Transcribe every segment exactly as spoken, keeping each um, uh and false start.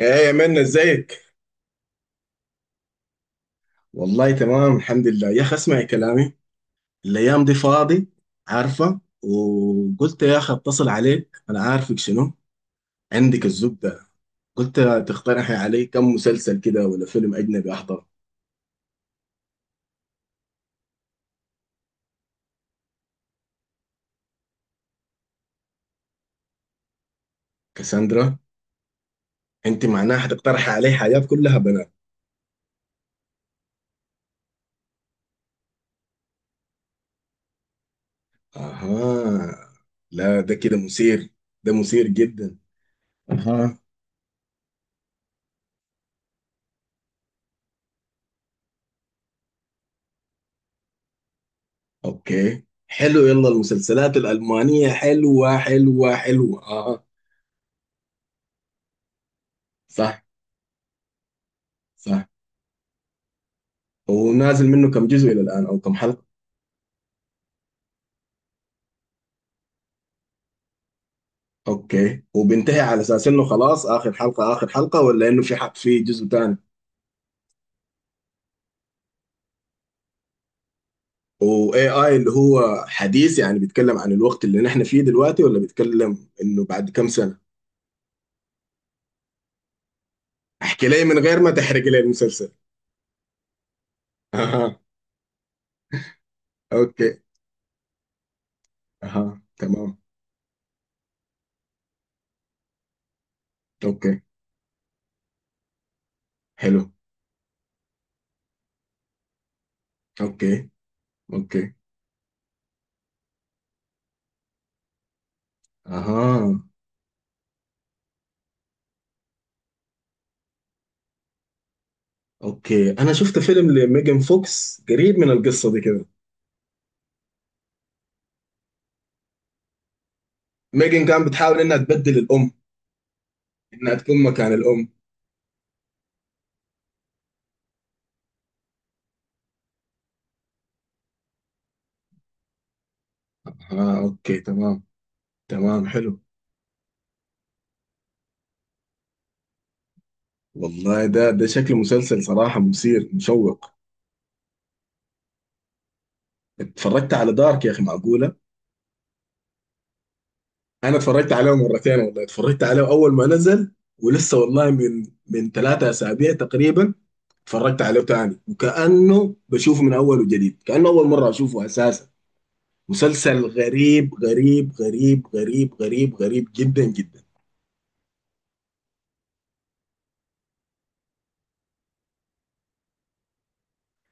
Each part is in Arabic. ايه يا منى ازيك؟ والله تمام الحمد لله يا اخي اسمعي كلامي. الايام دي فاضي. عارفه وقلت يا اخي اتصل عليك، انا عارفك شنو عندك الزبده. قلت تقترحي علي كم مسلسل كده ولا فيلم اجنبي احضره. كاساندرا، انت معناها حتقترحي علي حاجات كلها بنات؟ اها، لا ده كده مثير، ده مثير جدا. اها، اوكي حلو، يلا المسلسلات الالمانيه حلوه حلوه حلوه اه. صح صح، ونازل منه كم جزء الى الان او كم حلقه؟ اوكي، وبينتهي على اساس انه خلاص اخر حلقه اخر حلقه، ولا انه في حق في جزء ثاني؟ واي اي اللي هو حديث يعني بيتكلم عن الوقت اللي نحن فيه دلوقتي، ولا بيتكلم انه بعد كم سنه؟ احكي لي من غير ما تحرق لي المسلسل. اها اوكي، اها تمام، اوكي حلو، اوكي اوكي، اها اوكي. انا شفت فيلم لميجن فوكس قريب من القصه دي كده. ميجن كان بتحاول انها تبدل الام، انها تكون مكان الام. اه اوكي تمام، تمام حلو. والله ده ده شكل مسلسل صراحة مثير مشوق. اتفرجت على دارك يا اخي، معقولة؟ انا اتفرجت عليه مرتين، والله اتفرجت عليه اول ما نزل، ولسه والله من من ثلاثة اسابيع تقريبا اتفرجت عليه تاني، وكأنه بشوفه من اول وجديد، كأنه اول مرة اشوفه اساسا. مسلسل غريب غريب غريب غريب غريب غريب جدا جدا.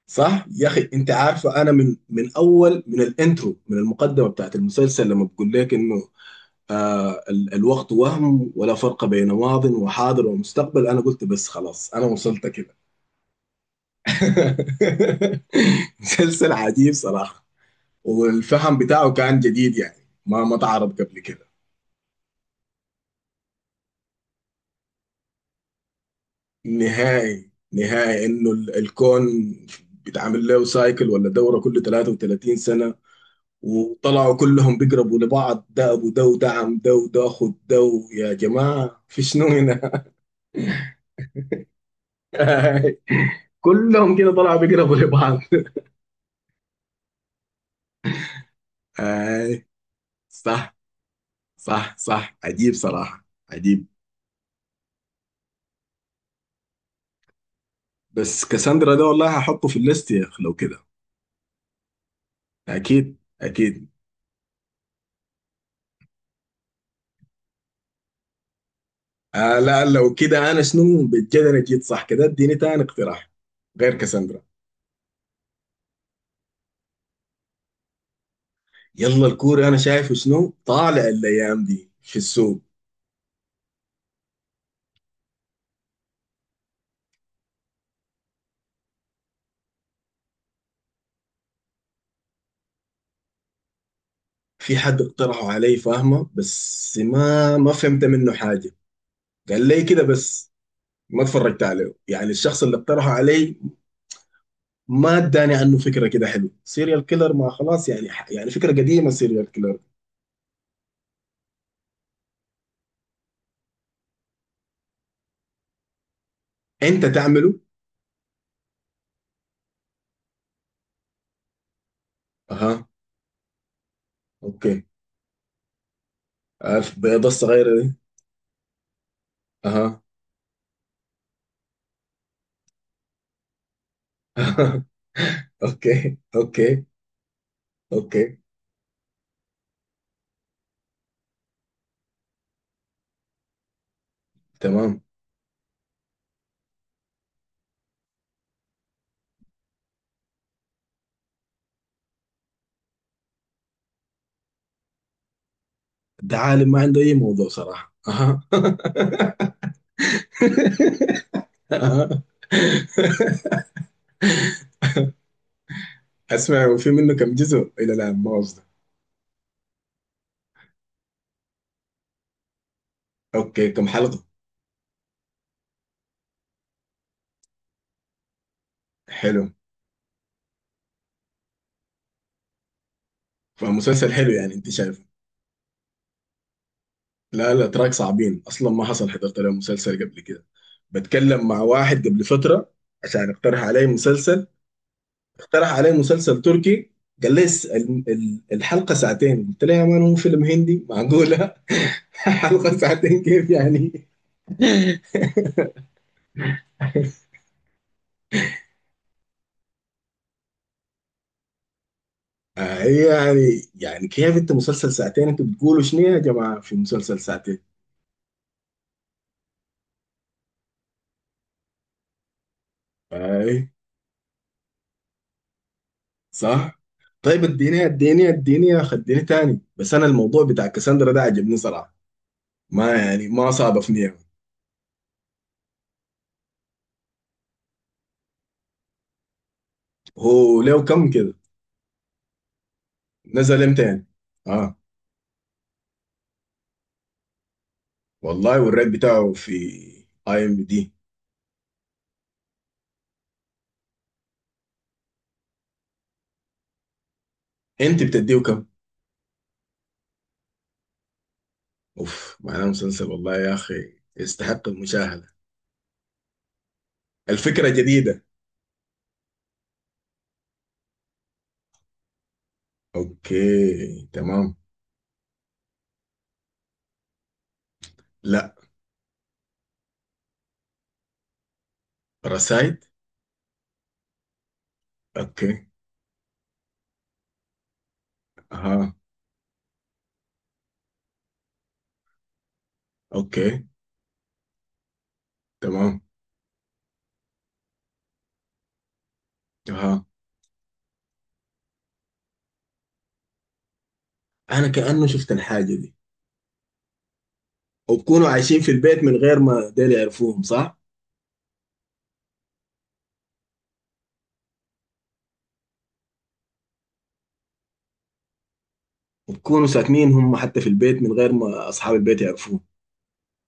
صح يا اخي، انت عارفه انا من من اول، من الانترو من المقدمه بتاعت المسلسل، لما بقول لك انه آه ال- الوقت وهم ولا فرق بين ماض وحاضر ومستقبل، انا قلت بس خلاص انا وصلت كده. مسلسل عجيب صراحة. والفهم بتاعه كان جديد يعني ما ما تعرض قبل كده نهائي نهائي. انه ال- الكون بيتعمل له سايكل ولا دورة كل تلاتة وتلاتين سنة، وطلعوا كلهم بيقربوا لبعض، ده ابو ده وده عم ده وده اخو ده. يا جماعة في شنو هنا؟ كلهم كده طلعوا بيقربوا لبعض. آي. صح، صح صح، عجيب صراحة عجيب. بس كاساندرا ده والله هحطه في الليست يا اخ لو كده. اكيد اكيد. آه لا لو كده انا شنو بجد، انا جيت صح كده، اديني تاني اقتراح غير كاساندرا. يلا الكوري انا شايفه شنو طالع الايام دي في السوق. في حد اقترحه علي فاهمه، بس ما ما فهمت منه حاجة، قال لي كده بس، ما اتفرجت عليه، يعني الشخص اللي اقترحه علي ما اداني عنه فكره كده. حلو سيريال كيلر، ما خلاص يعني يعني فكره قديمه سيريال كيلر. انت تعمله. اها اوكي. عارف البيضه الصغيره دي. اها اوكي اوكي، اوكي تمام. ده عالم ما عنده اي موضوع صراحه، اها اها اسمع، وفي منه كم جزء الى الان ما قصده؟ اوكي كم حلقه؟ حلو، فمسلسل حلو يعني انت شايفه. لا لا، تراك صعبين اصلا، ما حصل حضرت له مسلسل قبل كده. بتكلم مع واحد قبل فتره عشان اقترح عليه مسلسل، اقترح علي مسلسل تركي، قال لي الس- ال- ال- الحلقة ساعتين، قلت له يا مان هو فيلم هندي معقولة؟ حلقة ساعتين كيف يعني؟ آه إيه يعني، يعني كيف انت مسلسل ساعتين، انتوا بتقولوا شنو يا جماعة في مسلسل ساعتين؟ اي صح. طيب اديني اديني اديني يا اخي اديني تاني، بس انا الموضوع بتاع كاساندرا ده عجبني صراحة، ما يعني ما صعب في نية. هو له كم كده، نزل امتى يعني؟ اه، والله والريت بتاعه في اي ام دي؟ انت بتديه كم؟ اوف، معناه مسلسل والله يا اخي يستحق المشاهدة. الفكرة جديدة. اوكي تمام. لا. رسايد. اوكي اها، اوكي تمام، اها. انا كأنه شفت الحاجة دي، وبكونوا عايشين في البيت من غير ما ديل يعرفوهم، صح؟ وبكونوا ساكنين هم حتى في البيت من غير ما اصحاب البيت يعرفوهم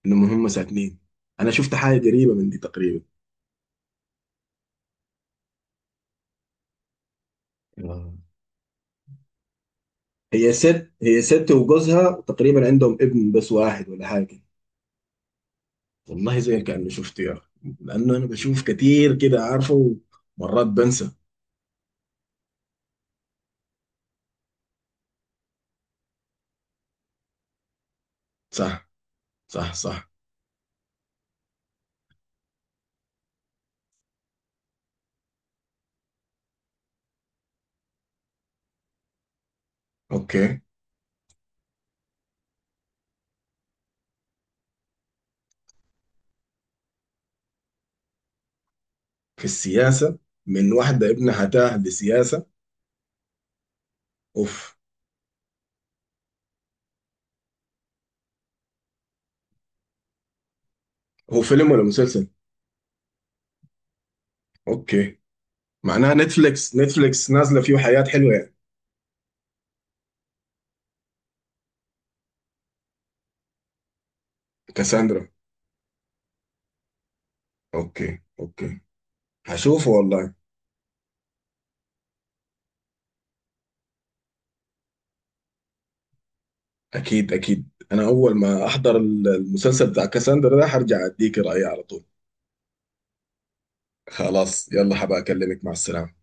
انهم هم ساكنين. انا شفت حاجة قريبة من دي تقريبا. آه. هي ست، هي ست وجوزها تقريبا عندهم ابن بس واحد ولا حاجة كده. والله زي كأني شفته يا أخي، لأنه أنا بشوف كتير كده عارفه، ومرات بنسى. صح صح صح. أوكي، في السياسة؟ من واحدة ابنها تاه لسياسة؟ أوف. هو فيلم ولا مسلسل؟ أوكي. معناها نتفليكس نتفليكس نازلة فيه حياة حلوة يعني. كاساندرا. أوكي أوكي. هشوفه والله. أكيد أكيد، أنا أول ما أحضر المسلسل بتاع كاساندرا ده هرجع أديك رأيي على طول. خلاص يلا حبا أكلمك، مع السلامة.